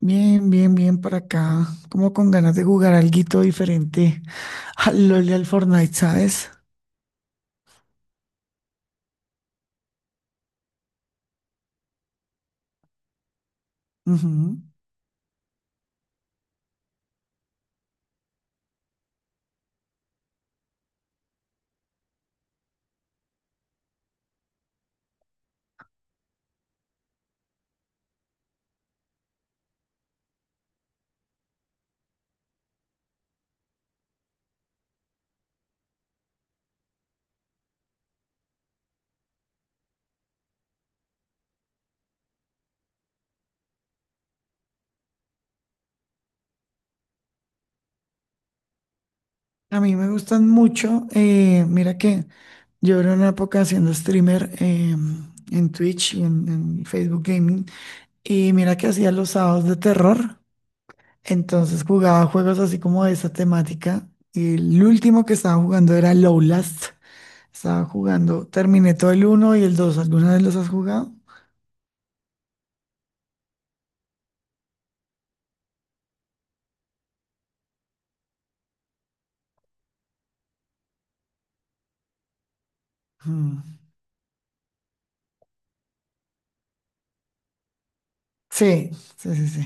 Bien, bien, bien para acá. Como con ganas de jugar alguito diferente al LOL y al Fortnite, ¿sabes? Ujú. A mí me gustan mucho. Mira que yo era una época haciendo streamer en Twitch y en Facebook Gaming. Y mira que hacía los sábados de terror. Entonces jugaba juegos así como de esa temática. Y el último que estaba jugando era Lowlast. Estaba jugando, terminé todo el uno y el 2. ¿Alguna vez los has jugado? Ujú. Sí, sí, sí, sí.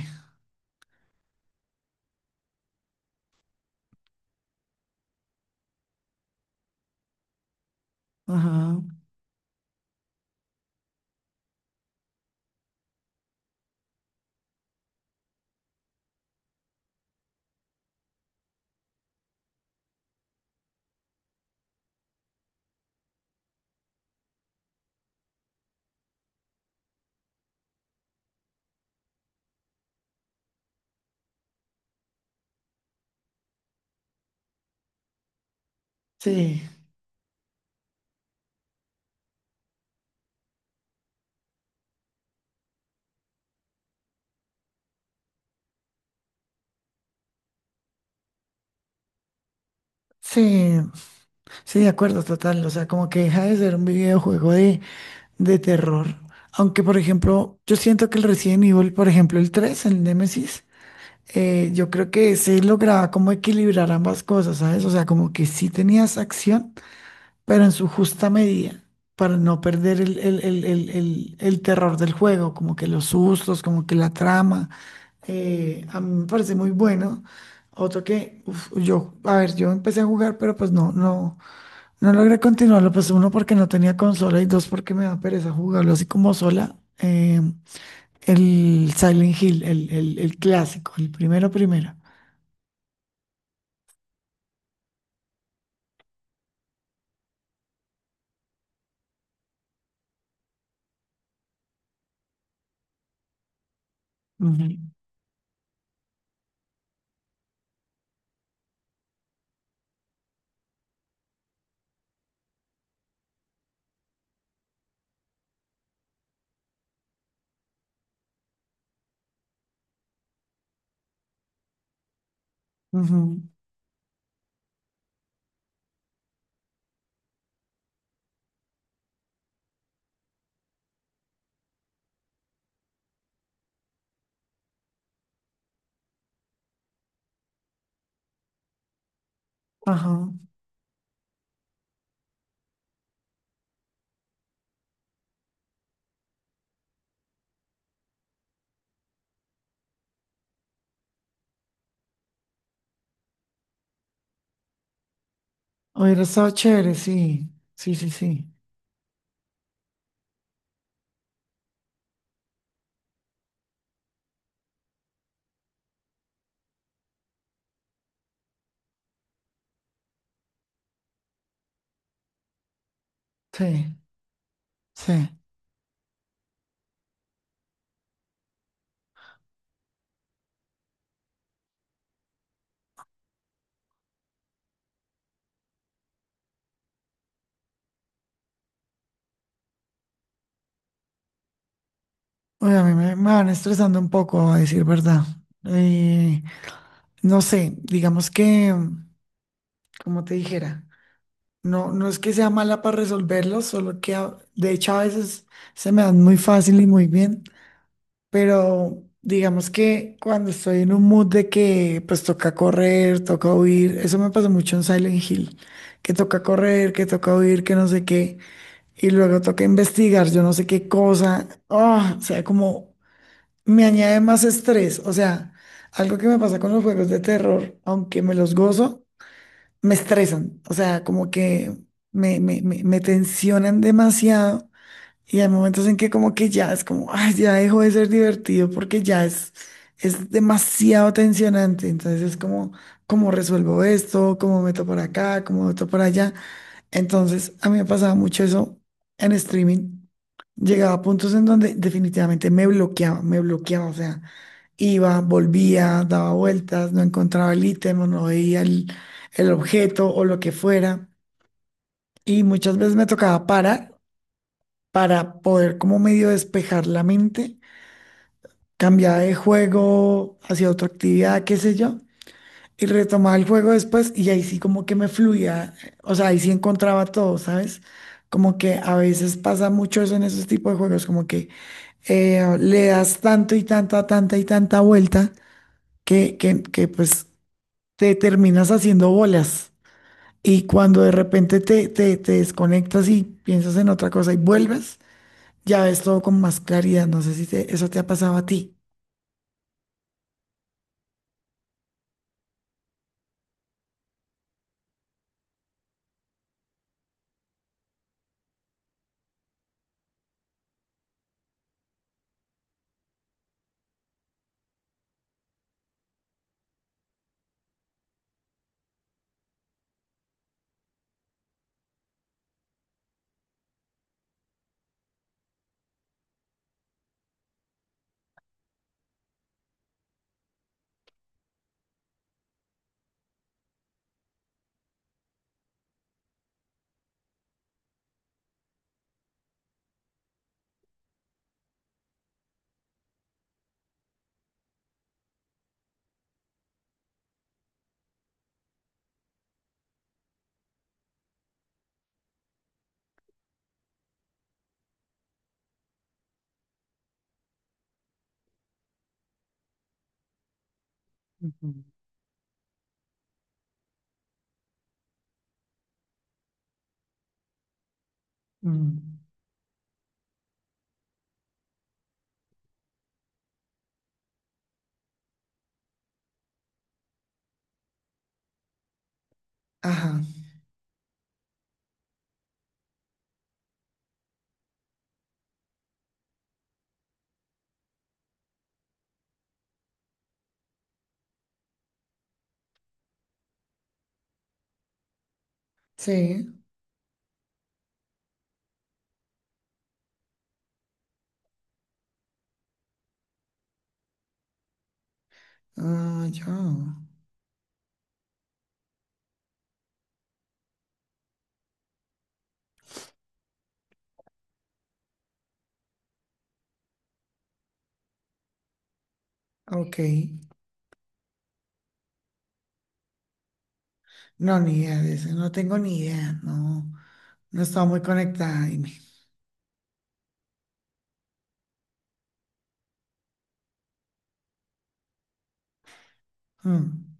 Ajá. Sí, sí, sí, de acuerdo, total. O sea, como que deja de ser un videojuego de terror. Aunque, por ejemplo, yo siento que el Resident Evil, por ejemplo, el 3, el Nemesis, yo creo que se lograba como equilibrar ambas cosas, ¿sabes? O sea, como que sí tenías acción, pero en su justa medida, para no perder el terror del juego, como que los sustos, como que la trama. A mí me parece muy bueno. Otro que, uf, yo, a ver, yo empecé a jugar, pero pues no logré continuarlo. Pues uno porque no tenía consola y dos porque me da pereza jugarlo así como sola. El Silent Hill, el clásico, el primero, primero. Ujú, ujú, ajá. Hubiera estado chévere, sí. Sí, sí, sí. Sí, sí. Oye, a mí me van estresando un poco, a decir verdad. Eh, no sé, digamos que. Como te dijera. No, no es que sea mala para resolverlos, solo que de hecho a veces se me dan muy fácil y muy bien, pero digamos que cuando estoy en un mood de que pues toca correr, toca huir, eso me pasó mucho en Silent Hill, que toca correr, que toca huir, que no sé qué, y luego toca investigar, yo no sé qué cosa, ah, o sea, como me añade más estrés, o sea, algo que me pasa con los juegos de terror, aunque me los gozo, me estresan, o sea, como que me tensionan demasiado y hay momentos en que como que ya es como, ay, ya dejó de ser divertido porque ya es demasiado tensionante, entonces es como, ¿cómo resuelvo esto? ¿Cómo meto por acá? ¿Cómo meto por allá? Entonces a mí me pasaba mucho eso en streaming. Llegaba a puntos en donde definitivamente me bloqueaba, o sea. Iba, volvía, daba vueltas, no encontraba el ítem o no veía el objeto o lo que fuera. Y muchas veces me tocaba parar para poder como medio despejar la mente, cambiar de juego hacia otra actividad, qué sé yo, y retomaba el juego después y ahí sí como que me fluía, o sea, ahí sí encontraba todo, ¿sabes? Como que a veces pasa mucho eso en esos tipos de juegos, como que le das tanto y tanta, tanta y tanta vuelta que, que pues te terminas haciendo bolas. Y cuando de repente te desconectas y piensas en otra cosa y vuelves, ya ves todo con más claridad. No sé si eso te ha pasado a ti. Ujú. Mm. Ajá. Sí. Ah, ya. Ok. No, ni idea de eso. No tengo ni idea. No, no estaba muy conectada. Dime. Mm.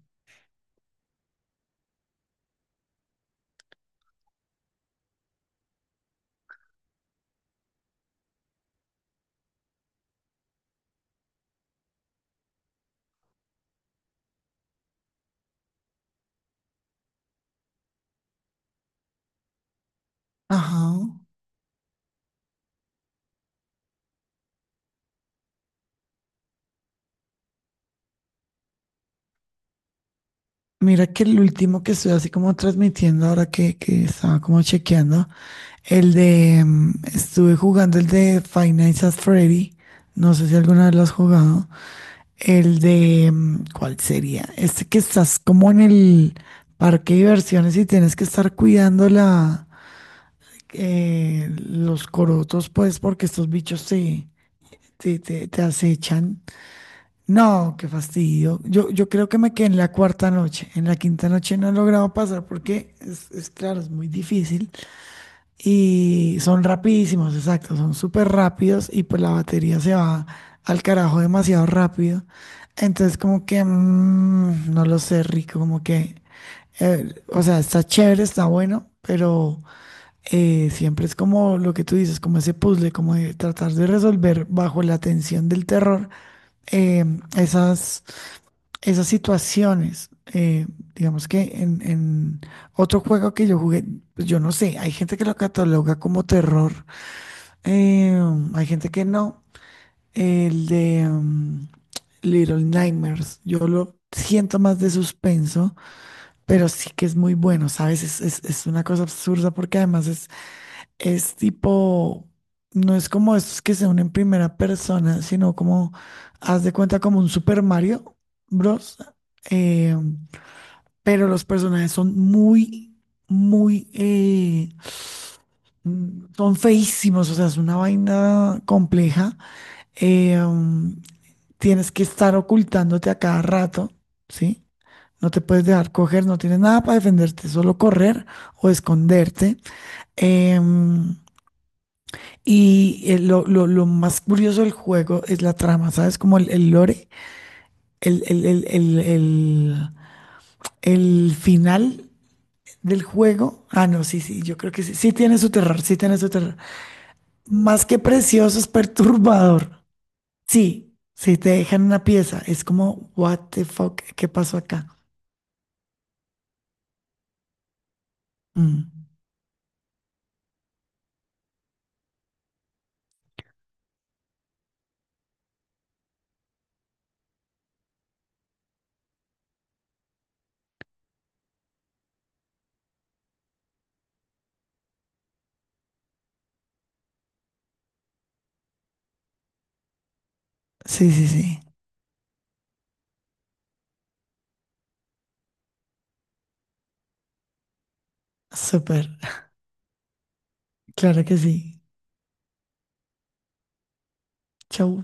Ajá. Mira que el último que estoy así como transmitiendo ahora que estaba como chequeando. El de, estuve jugando el de Five Nights at Freddy. No sé si alguna vez lo has jugado. El de, mm, ¿cuál sería? Este que estás como en el parque de diversiones y tienes que estar cuidando la, los corotos, pues, porque estos bichos te, te acechan. No, qué fastidio. Yo creo que me quedé en la cuarta noche. En la quinta noche no he logrado pasar porque es claro, es muy difícil. Y son rapidísimos, exacto, son súper rápidos y pues la batería se va al carajo demasiado rápido. Entonces como que, mm, no lo sé, rico, como que, o sea, está chévere, está bueno, pero siempre es como lo que tú dices, como ese puzzle, como de tratar de resolver bajo la tensión del terror. eh, Esas, esas situaciones. Digamos que en otro juego que yo jugué, pues yo no sé, hay gente que lo cataloga como terror. Eh, hay gente que no. El de mm, Little Nightmares. Yo lo siento más de suspenso, pero sí que es muy bueno, ¿sabes? Es, es una cosa absurda porque además es tipo, no es como estos que se unen en primera persona, sino como, haz de cuenta como un Super Mario Bros. Eh, pero los personajes son muy, muy... Son feísimos, o sea, es una vaina compleja. eh, um, Tienes que estar ocultándote a cada rato, ¿sí? No te puedes dejar coger, no tienes nada para defenderte, solo correr o esconderte. Em, y lo, lo más curioso del juego es la trama, ¿sabes? Como el lore, el, el, el, el, el- el final del juego. Ah, no, sí, sí, yo creo que sí. Sí tiene su terror, sí tiene su terror. Más que precioso, es perturbador. Sí, si te dejan una pieza, es como, what the fuck, ¿qué pasó acá? Mm, sí, sí, sí, súper, claro que sí. Chau.